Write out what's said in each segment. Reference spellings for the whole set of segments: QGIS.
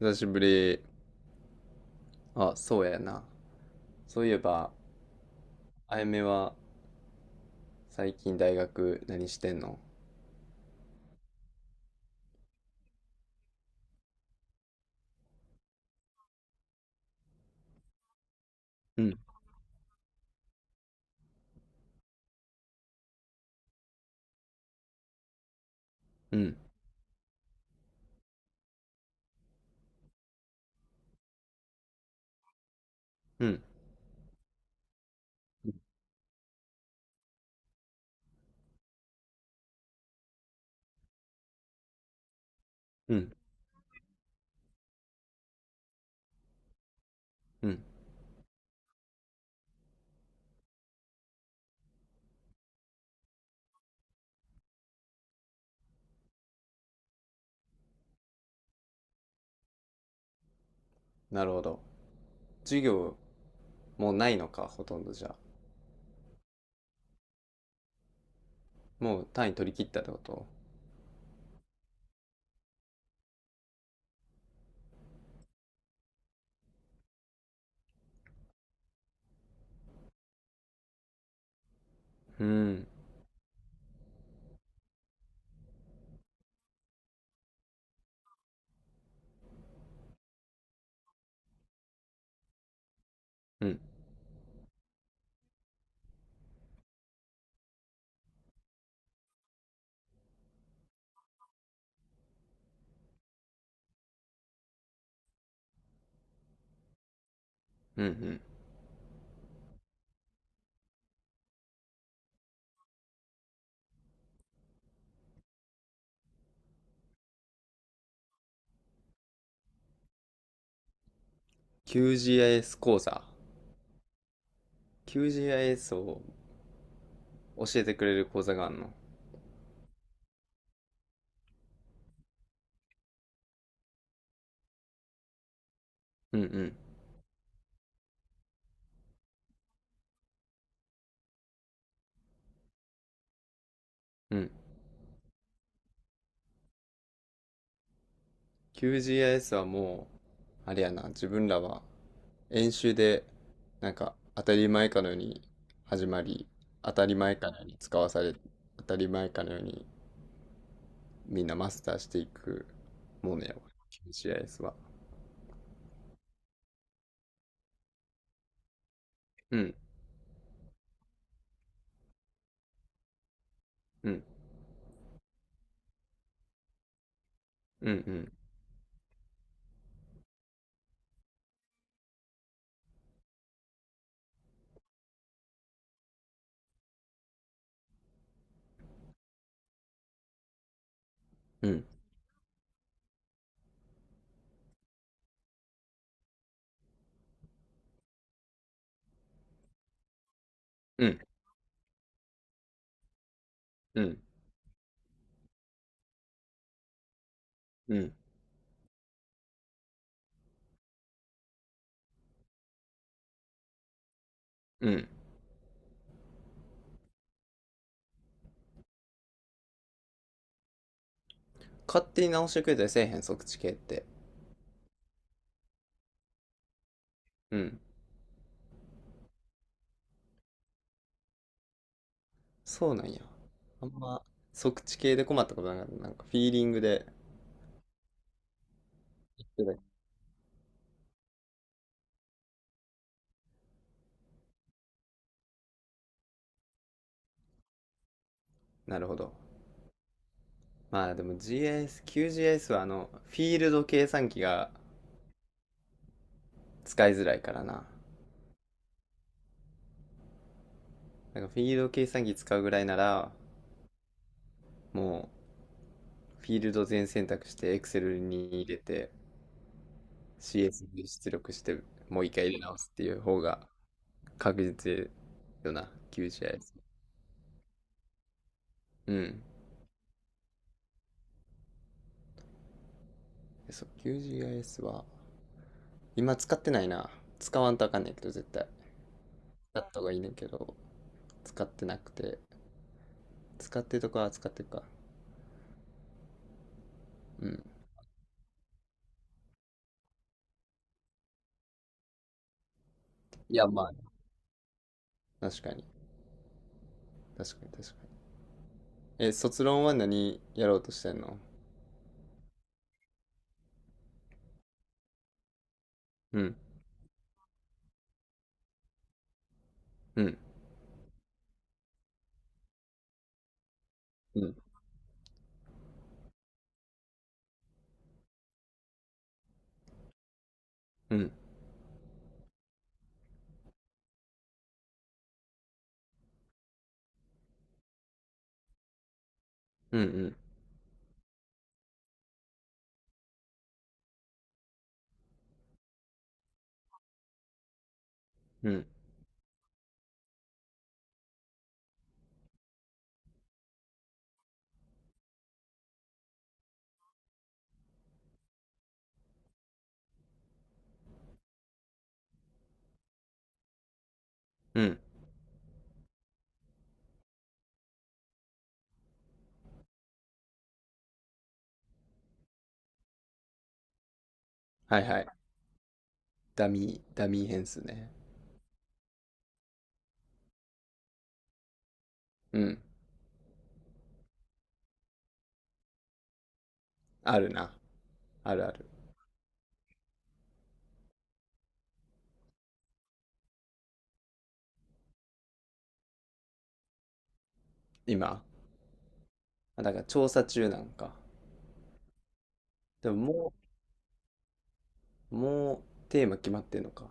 久しぶり。あ、そうやな。そういえば、あやめは最近大学何してんの？うん、うん、うん、うん、うん。なるほど。授業もうないのか、ほとんどじゃあ。もう単位取り切ったってこと？うん、うん、うん、うん。QGIS 講座。QGIS を教えてくれる講座があんの？うん、うん、うん。QGIS はもう、あれやな、自分らは演習でなんか当たり前かのように始まり、当たり前かのように使わされ、当たり前かのようにみんなマスターしていくものやわ、 QGIS は。うんうんうんうんうんうんうんうんうん。勝手に直してくれたりせえへん？測地系って。うん。そうなんや。あんま測地系で困ったことなかった、なんかフィーリングで。なるほど。まあでも、 QGIS はフィールド計算機が使いづらいからな。なんかフィールド計算機使うぐらいなら、もうフィールド全選択して Excel に入れて CS に出力してもう一回入れ直すっていう方が確実よな、QGIS。うん。そう、QGIS は今使ってないな。使わんとあかんねんけど、絶対。使った方がいいねんけど、使ってなくて。使ってるとこは使ってるか。うん。いや、まあ、確かに。確かに、確かに。え、卒論は何やろうとしてんの？うん、うん、うん。うん。うんうんうんうん。はいはい。ダミー変数ね。うん。あるな。あるある。今。あ、だから調査中なんか。でももうテーマ決まってんのか。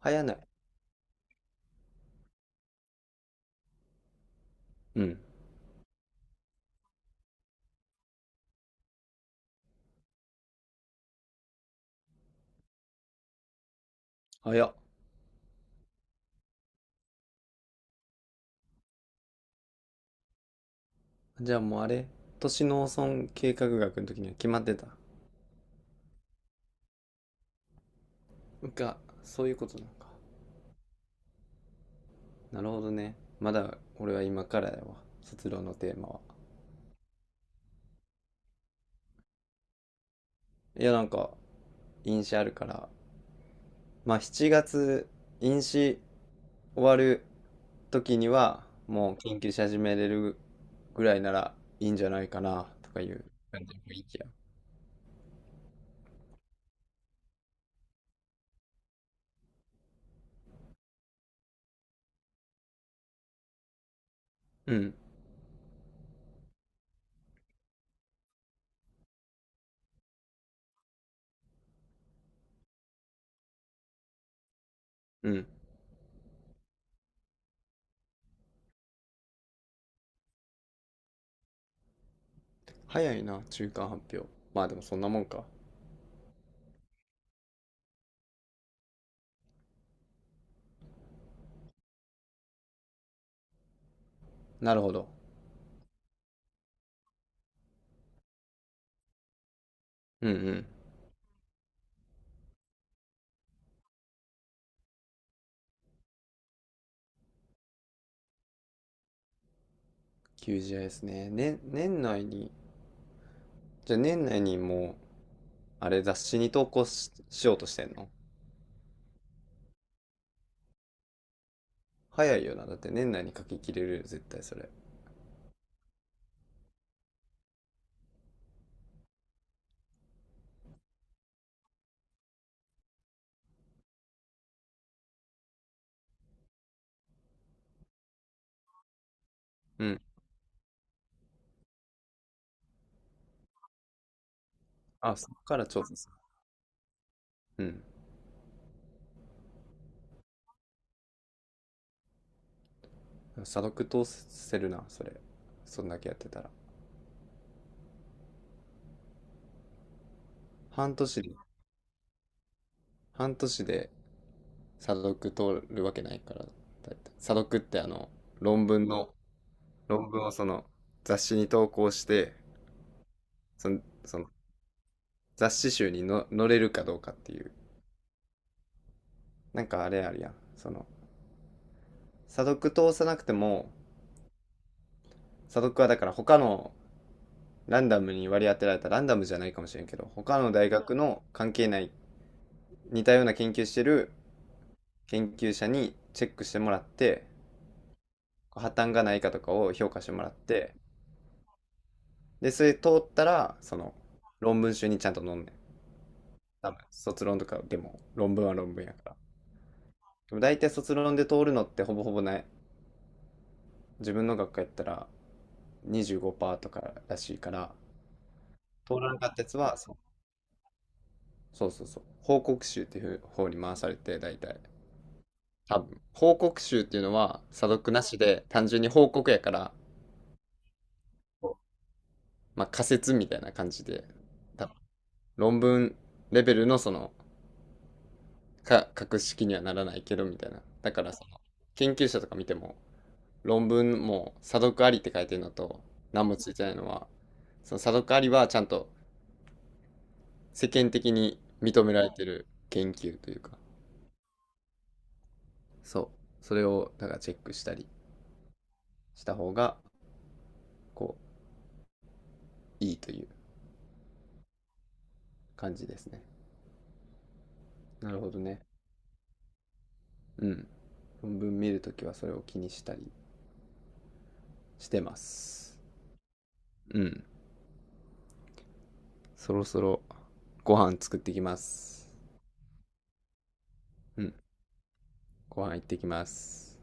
早ない？うん。早っ。じゃあもうあれ、都市農村計画学の時には決まってた？が、そういうことなのか。なるほどね。まだ俺は今からやわ、卒論のテーマは。いやなんか、印象あるから、まあ7月飲酒終わる時にはもう研究し始めれるぐらいならいいんじゃないかなとかいう感じの雰囲気や。うん、うん。早いな、中間発表。まあでもそんなもんか。なるほど。うんうん。QGIS ね。ね、年内に、じゃあ年内にもう、あれ雑誌に投稿しようとしてんの？早いよな。だって年内に書き切れるよ、絶対それ。うん。あ、そっから調査する？うん。査読通せるな、それ。そんだけやってたら。半年で、半年で査読通るわけないから、だいたい。査読って論文の、論文をその雑誌に投稿して、その雑誌集にの載れるかどうかっていう。なんかあれあるやん。その、査読通さなくても、査読はだから他のランダムに割り当てられた、ランダムじゃないかもしれんけど、他の大学の関係ない似たような研究してる研究者にチェックしてもらって、破綻がないかとかを評価してもらって、で、それ通ったら、その、論文集にちゃんと載んねん。多分、卒論とかでも、論文は論文やから。でも大体卒論で通るのってほぼほぼない。自分の学科やったら25%とからしいから、通らなかったやつは、そうそうそうそう、報告集っていう方に回されて、大体。多分。報告集っていうのは、査読なしで、単純に報告やから、まあ仮説みたいな感じで、多分論文レベルのそのか、格式にはならないけど、みたいな。だから、その、研究者とか見ても、論文も、査読ありって書いてるのと、何もついてないのは、その査読ありはちゃんと世間的に認められてる研究というか、そう、それを、だからチェックしたりした方が、こう、いいという感じですね。なるほどね。うん。論文見るときはそれを気にしたりしてます。うん。そろそろご飯作ってきます。うん。ご飯行ってきます。